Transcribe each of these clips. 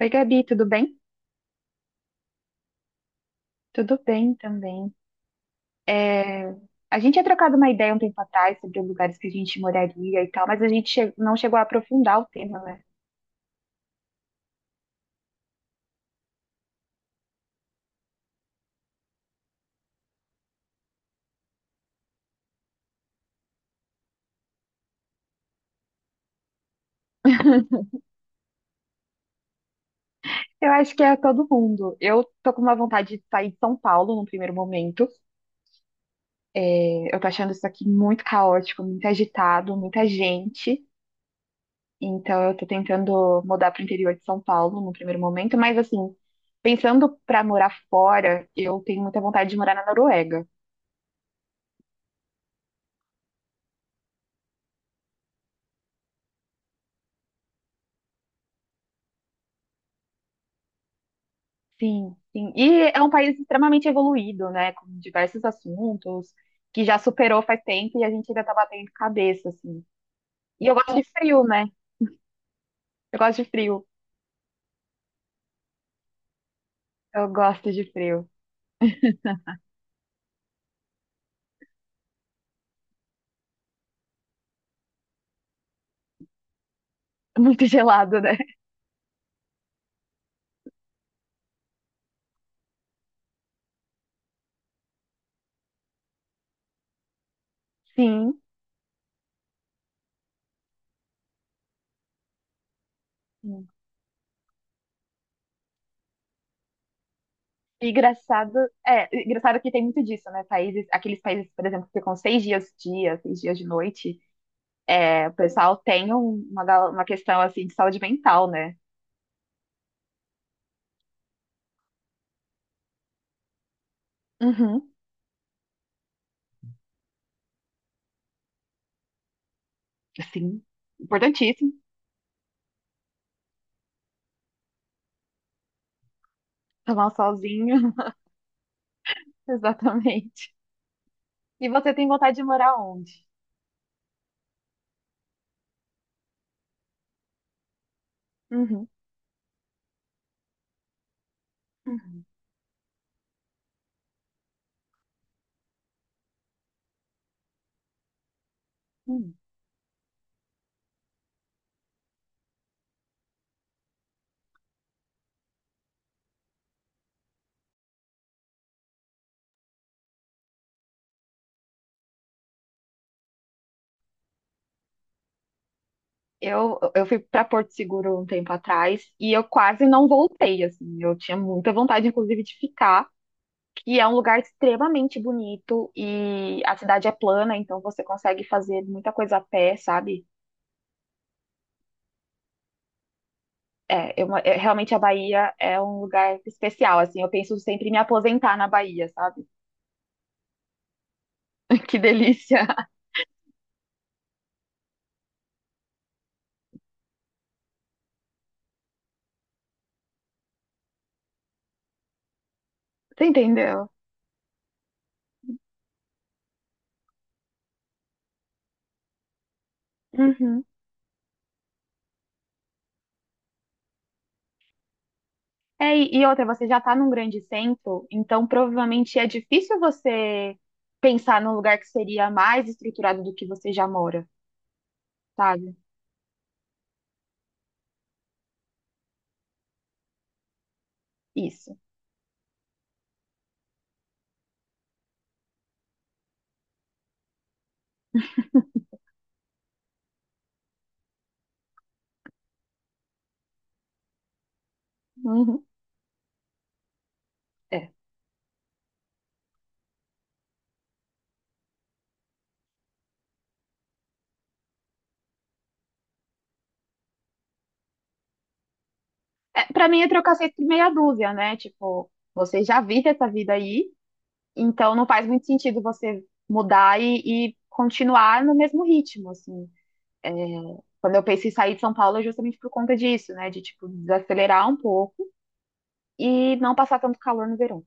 Oi, Gabi, tudo bem? Tudo bem também. É, a gente tinha trocado uma ideia um tempo atrás sobre os lugares que a gente moraria e tal, mas não chegou a aprofundar o tema, né? Eu acho que é todo mundo. Eu tô com uma vontade de sair de São Paulo no primeiro momento. É, eu tô achando isso aqui muito caótico, muito agitado, muita gente. Então eu tô tentando mudar para o interior de São Paulo no primeiro momento, mas assim, pensando para morar fora, eu tenho muita vontade de morar na Noruega. Sim, sim. E é um país extremamente evoluído, né? Com diversos assuntos, que já superou faz tempo e a gente ainda tá batendo cabeça, assim. E eu gosto de frio, né? Eu gosto de frio. Eu gosto de frio. Muito gelado, né? Sim, sim. E engraçado, engraçado que tem muito disso, né? Países, aqueles países, por exemplo, que ficam seis dias de dia, seis dias de noite, é, o pessoal tem uma questão, assim, de saúde mental, né? Uhum. Sim. Importantíssimo. Tomar um solzinho. Exatamente. E você tem vontade de morar onde? Uhum, uhum. Hum. Eu fui para Porto Seguro um tempo atrás e eu quase não voltei, assim. Eu tinha muita vontade, inclusive, de ficar, que é um lugar extremamente bonito e a cidade é plana, então você consegue fazer muita coisa a pé, sabe? Realmente a Bahia é um lugar especial, assim. Eu penso sempre em me aposentar na Bahia, sabe? Que delícia! Você entendeu? Uhum. É, e outra, você já está num grande centro, então provavelmente é difícil você pensar num lugar que seria mais estruturado do que você já mora, sabe? Isso. Uhum, É. É, para mim é trocar seis por meia dúzia, né? Tipo, você já vive essa vida aí, então não faz muito sentido você mudar e continuar no mesmo ritmo, assim. Quando eu penso em sair de São Paulo é justamente por conta disso, né? De, tipo, desacelerar um pouco e não passar tanto calor no verão.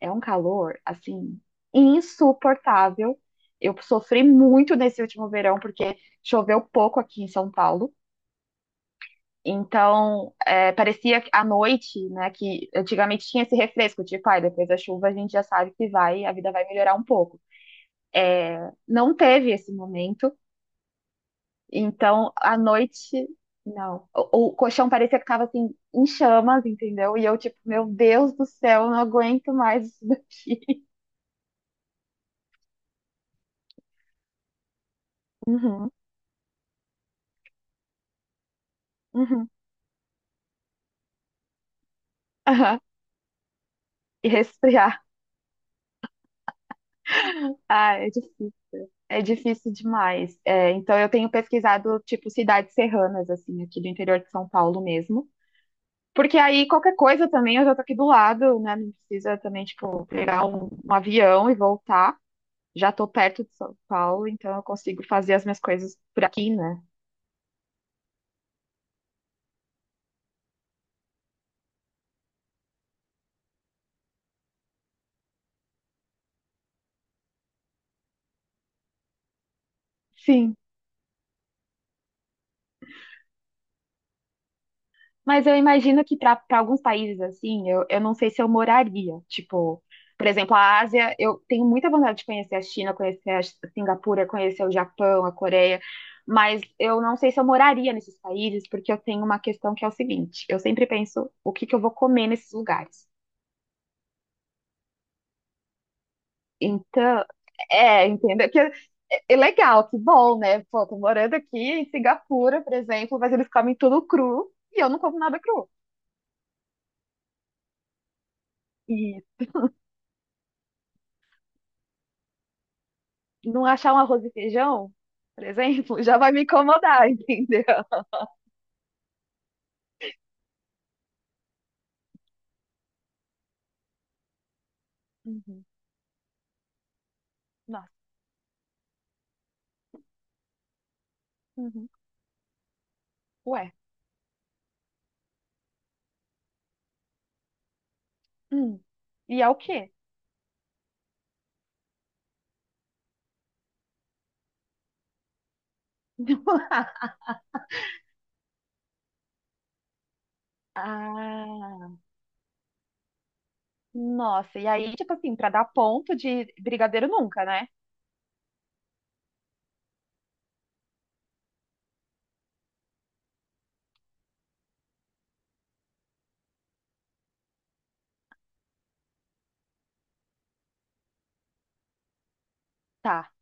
É um calor, assim, insuportável. Eu sofri muito nesse último verão, porque choveu pouco aqui em São Paulo. Então, é, parecia que à noite, né, que antigamente tinha esse refresco, tipo, ai, depois da chuva a gente já sabe que vai, a vida vai melhorar um pouco. Não teve esse momento, então à noite, não. O colchão parecia que estava assim, em chamas, entendeu? E eu, tipo, meu Deus do céu, eu não aguento mais isso daqui. Uhum, uhum, aham. E resfriar. Ah, é difícil demais. É, então eu tenho pesquisado tipo cidades serranas assim aqui do interior de São Paulo mesmo, porque aí qualquer coisa também eu já tô aqui do lado, né? Não precisa também tipo pegar um avião e voltar. Já tô perto de São Paulo, então eu consigo fazer as minhas coisas por aqui, né? Sim. Mas eu imagino que para alguns países assim, eu não sei se eu moraria. Tipo, por exemplo, a Ásia, eu tenho muita vontade de conhecer a China, conhecer a Singapura, conhecer o Japão, a Coreia, mas eu não sei se eu moraria nesses países, porque eu tenho uma questão que é o seguinte: eu sempre penso o que que eu vou comer nesses lugares. Então, é, entenda que é legal, que bom, né? Pô, tô morando aqui em Singapura, por exemplo, mas eles comem tudo cru e eu não como nada cru. Não achar um arroz e feijão, por exemplo, já vai me incomodar, entendeu? Uhum. Nossa. Uhum. Ué. Hum. E é o quê? Ah, nossa. E aí, tipo assim, pra dar ponto de brigadeiro nunca, né? Tá.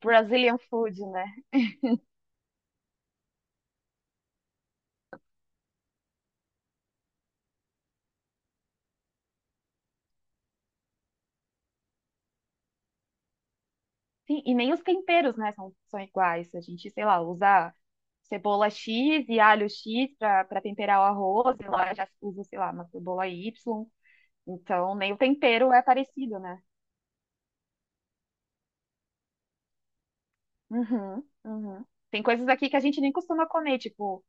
Brazilian food, né? Sim, e nem os temperos, né, são, são iguais. A gente, sei lá, usa cebola X e alho X pra temperar o arroz, e lá já usa, sei lá, uma cebola Y. Então, nem o tempero é parecido, né? Uhum, uhum. Tem coisas aqui que a gente nem costuma comer, tipo,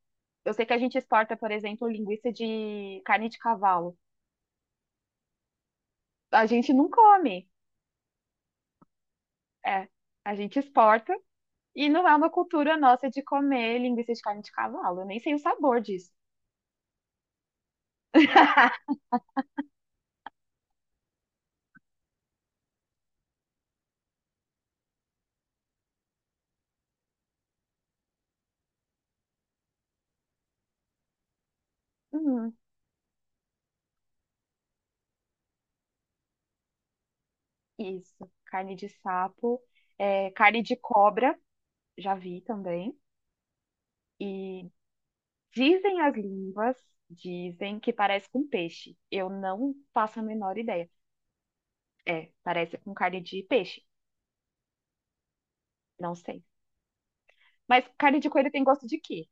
eu sei que a gente exporta, por exemplo, linguiça de carne de cavalo. A gente não come, é, a gente exporta e não é uma cultura nossa de comer linguiça de carne de cavalo. Eu nem sei o sabor disso. Uhum, isso, carne de sapo, é, carne de cobra, já vi também. E dizem as línguas, dizem que parece com peixe. Eu não faço a menor ideia. É, parece com carne de peixe. Não sei. Mas carne de coelho tem gosto de quê?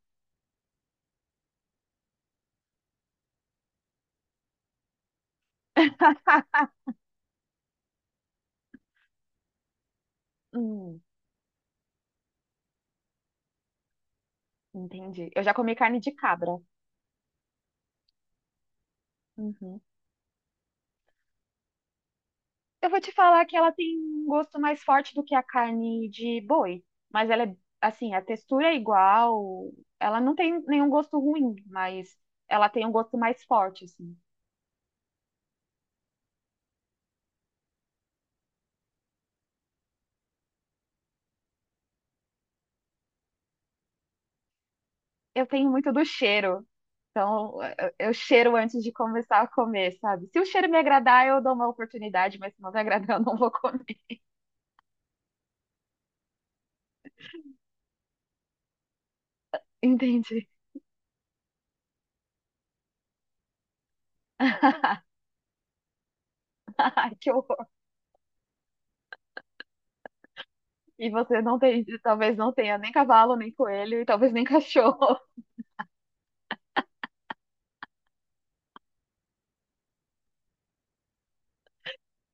Hum, entendi. Eu já comi carne de cabra. Uhum. Eu vou te falar que ela tem um gosto mais forte do que a carne de boi, mas ela é assim, a textura é igual, ela não tem nenhum gosto ruim, mas ela tem um gosto mais forte assim. Eu tenho muito do cheiro, então eu cheiro antes de começar a comer, sabe? Se o cheiro me agradar, eu dou uma oportunidade, mas se não me agradar, eu não vou comer. Entendi. Ai, que horror. E você não tem, talvez não tenha nem cavalo, nem coelho, e talvez nem cachorro.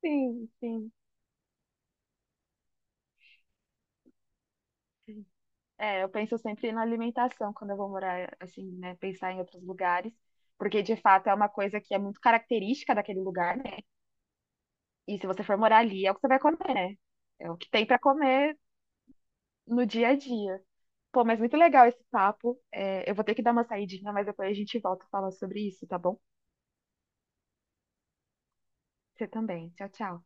Sim, sim. É, eu penso sempre na alimentação quando eu vou morar, assim, né? Pensar em outros lugares, porque de fato é uma coisa que é muito característica daquele lugar, né? E se você for morar ali, é o que você vai comer, né? É o que tem pra comer no dia a dia. Pô, mas muito legal esse papo. É, eu vou ter que dar uma saidinha, mas depois a gente volta a falar sobre isso, tá bom? Você também. Tchau, tchau.